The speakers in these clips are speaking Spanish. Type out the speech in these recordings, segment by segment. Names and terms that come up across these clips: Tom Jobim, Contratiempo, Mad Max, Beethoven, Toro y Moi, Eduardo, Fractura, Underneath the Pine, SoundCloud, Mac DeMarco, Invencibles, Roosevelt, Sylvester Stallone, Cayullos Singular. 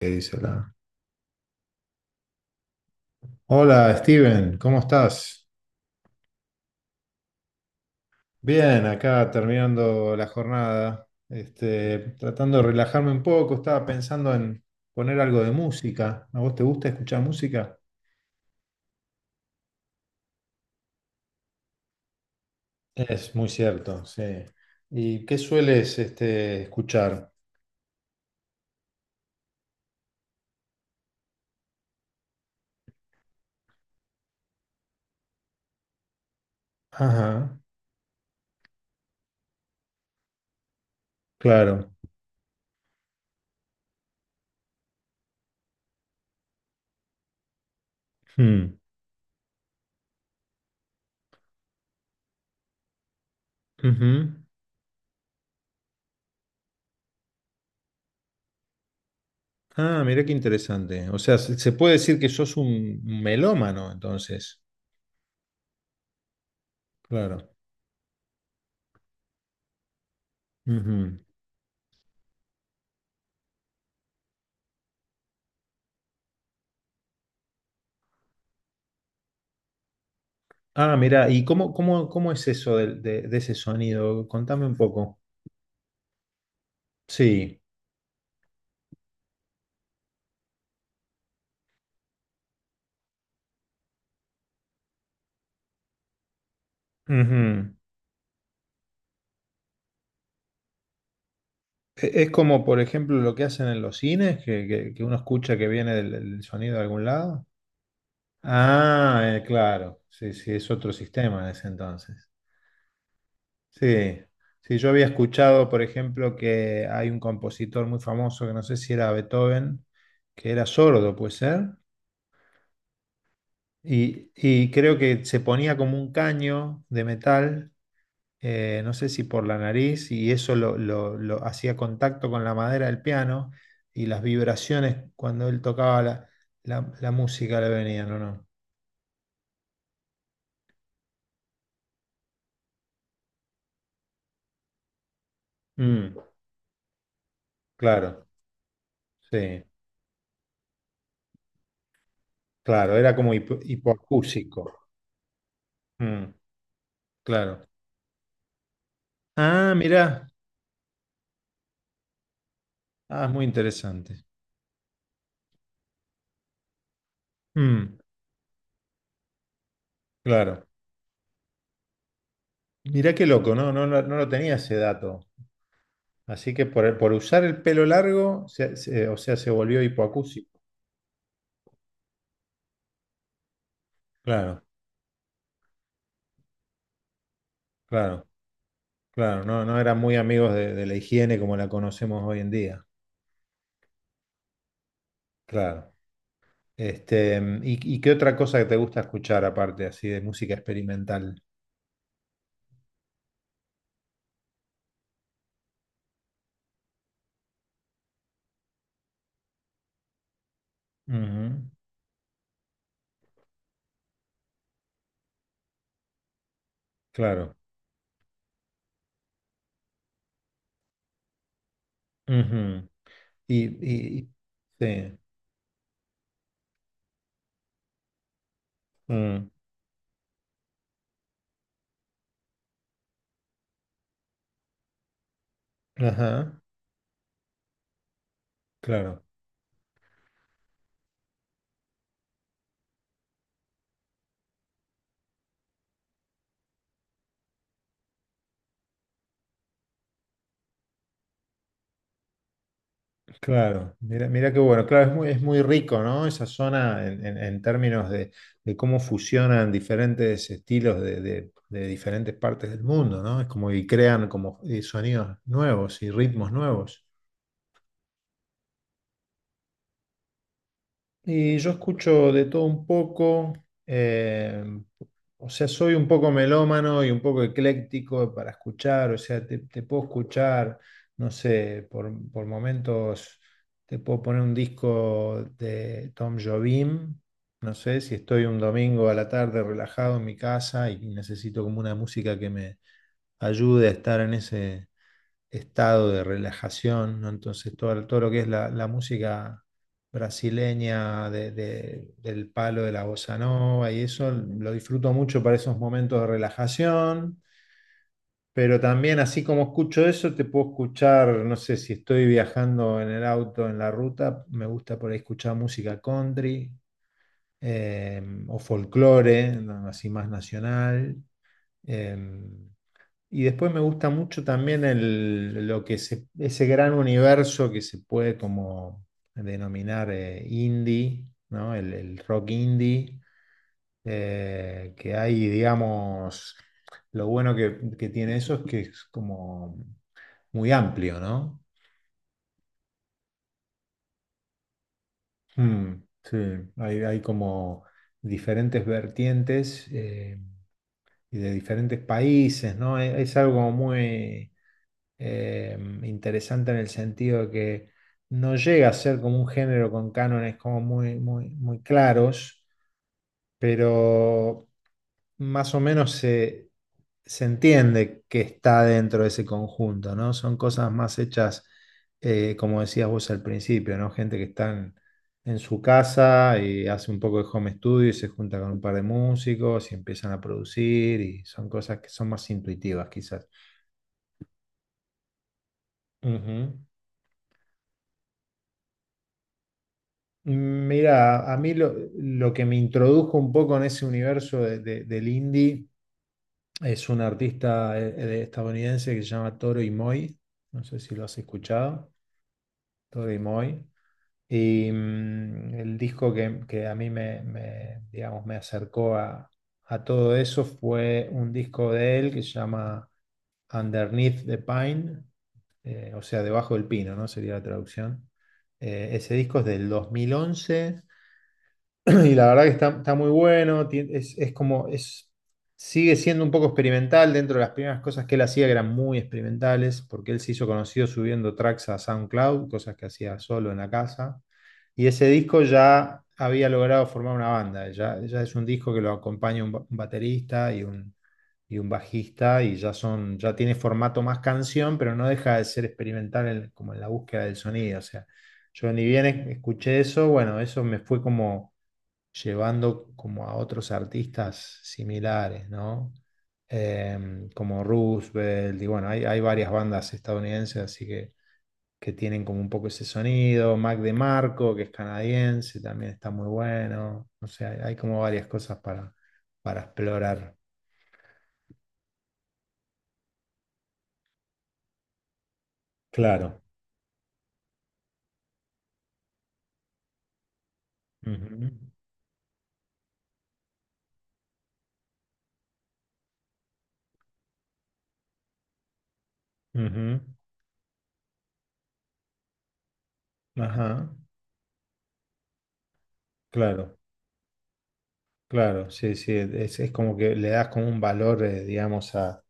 ¿Qué dice la? Hola, Steven, ¿cómo estás? Bien, acá terminando la jornada, tratando de relajarme un poco, estaba pensando en poner algo de música. ¿A vos te gusta escuchar música? Es muy cierto, sí. ¿Y qué sueles escuchar? Ajá, claro. Hmm, ujú. Ah, mirá qué interesante. O sea, se puede decir que sos un melómano, entonces. Claro. Ah, mira, ¿y cómo es eso de ese sonido? Contame un poco. Sí. Ujú. Es como, por ejemplo, lo que hacen en los cines, que uno escucha que viene del sonido de algún lado. Ah, claro. Sí, sí, es otro sistema en ese entonces. Sí. Sí, yo había escuchado, por ejemplo, que hay un compositor muy famoso, que no sé si era Beethoven, que era sordo, ¿puede ser? Y creo que se ponía como un caño de metal no sé si por la nariz, y eso lo hacía contacto con la madera del piano y las vibraciones cuando él tocaba la música le venían, ¿o no? Mm, claro, sí, claro, era como hipoacúsico. Mm, claro. Ah, mirá, ah, es muy interesante. Mm, claro. Mirá qué loco, ¿no? No, no lo tenía ese dato. Así que por usar el pelo largo, o sea, se volvió hipoacúsico. Claro, claro. Claro, no, no eran muy amigos de la higiene como la conocemos hoy en día. Claro. ¿Y qué otra cosa que te gusta escuchar aparte así de música experimental? Ujú, claro. Ujú. Y, y- y- sí. Mm, ajá. Claro. Claro. Mira qué bueno. Claro, es muy rico, ¿no? Esa zona en términos de- de cómo fusionan diferentes estilos de diferentes partes del mundo, ¿no? Es como y crean como sonidos nuevos y ritmos nuevos. Y yo escucho de todo un poco, eh, o sea, soy un poco melómano y un poco ecléctico para escuchar, o sea, te puedo escuchar, no sé, por momentos te puedo poner un disco de Tom Jobim, no sé, si estoy un domingo a la tarde relajado en mi casa y necesito como una música que me ayude a estar en ese estado de relajación, ¿no? Entonces todo lo que es la música brasileña del palo de la bossa nova y eso lo disfruto mucho para esos momentos de relajación, pero también así como escucho eso, te puedo escuchar, no sé, si estoy viajando en el auto, en la ruta, me gusta por ahí escuchar música country eh, o folclore, ¿no? Así más nacional. eh, y después me gusta mucho también el, lo que se- ese gran universo que se puede como denominar indie, ¿no? El rock indie, que hay, digamos, lo bueno que tiene eso es que es como muy amplio, ¿no? Mm, sí, hay como diferentes vertientes y de diferentes países, ¿no? Es algo muy eh, interesante en el sentido de que no llega a ser como un género con cánones como muy, muy, muy claros, pero más o menos se entiende que está dentro de ese conjunto, ¿no? Son cosas más hechas, como decías vos al principio, ¿no? Gente que está en su casa y hace un poco de home studio y se junta con un par de músicos y empiezan a producir y son cosas que son más intuitivas quizás. Ujú. Mira, a mí lo que me introdujo un poco en ese universo del indie es un artista estadounidense que se llama Toro y Moi. No sé si lo has escuchado. Toro y Moi. Y el disco que a mí me, digamos, me acercó a todo eso fue un disco de él que se llama Underneath the Pine. O sea, debajo del pino, ¿no? Sería la traducción. Ese disco es del 2011. Y la verdad que está muy bueno. Sigue siendo un poco experimental dentro de las primeras cosas que él hacía, que eran muy experimentales, porque él se hizo conocido subiendo tracks a SoundCloud, cosas que hacía solo en la casa. Y ese disco ya había logrado formar una banda. Ya es un disco que lo acompaña un baterista y un bajista, ya tiene formato más canción, pero no deja de ser experimental como en la búsqueda del sonido. O sea, yo ni bien escuché eso, bueno, eso me fue como llevando como a otros artistas similares, ¿no? Como Roosevelt, y bueno, hay varias bandas estadounidenses, así que tienen como un poco ese sonido, Mac DeMarco, que es canadiense, también está muy bueno. O sea, hay como varias cosas para explorar. Claro, ujú, ujú, ajá, claro. Claro, sí, sí, es como que le das como un valor, digamos, a,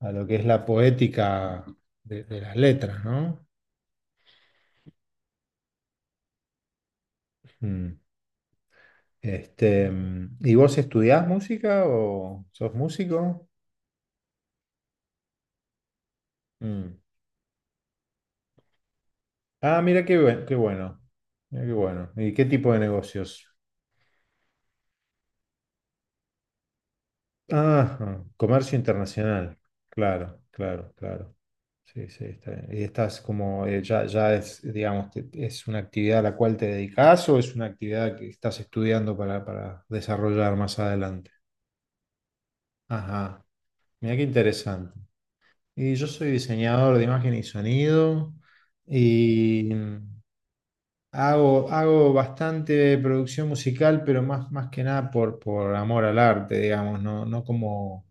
a lo que es la poética de las letras, ¿no? Mm. ¿Y vos estudiás música o sos músico? Mm. Ah, mira qué bueno. Mira qué bueno. ¿Y qué tipo de negocios? Ah, comercio internacional. Claro, claro, claro. Sí, sí, está bien. Y estás como, ya es, digamos, es una actividad a la cual te dedicas o es una actividad que estás estudiando para desarrollar más adelante. Ajá, mira qué interesante. Y yo soy diseñador de imagen y sonido y hago bastante producción musical, pero más que nada por amor al arte, digamos,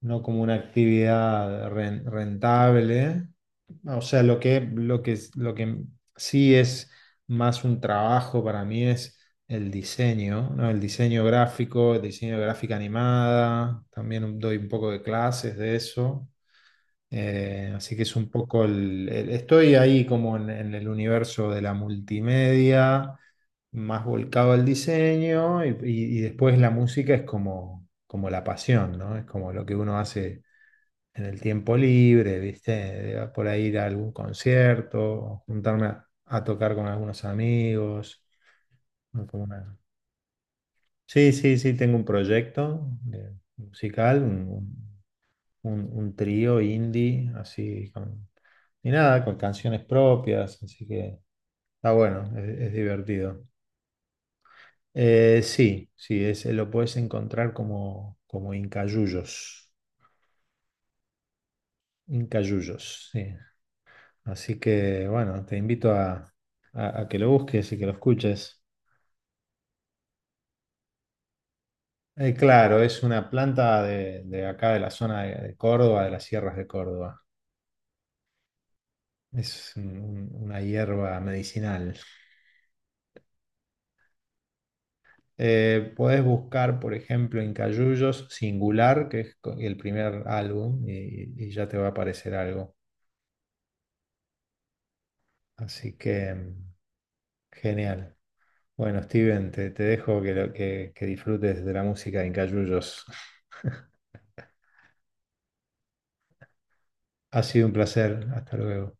no como una actividad rentable. O sea, lo que sí es más un trabajo para mí es el diseño, ¿no? El diseño gráfico, el diseño de gráfica animada, también doy un poco de clases de eso. Así que es un poco estoy ahí como en el universo de la multimedia, más volcado al diseño, y después la música es como la pasión, ¿no? Es como lo que uno hace en el tiempo libre, ¿viste? Por ahí ir a algún concierto, juntarme a tocar con algunos amigos. ¿No? Como una- Sí, sí, sí, tengo un proyecto musical, un trío indie, así, y nada, con canciones propias, así que está bueno, es divertido. Sí, sí, lo puedes encontrar como Incayullos. Incayullos, sí. Así que bueno, te invito a que lo busques y que lo escuches. Claro, es una planta de acá de la zona de Córdoba, de las sierras de Córdoba. Es una hierba medicinal. Podés buscar, por ejemplo, en Cayullos Singular, que es el primer álbum, y ya te va a aparecer algo. Así que, genial. Bueno, Steven, te dejo que, lo- que disfrutes de la música de Cayullos. Ha sido un placer. Hasta luego.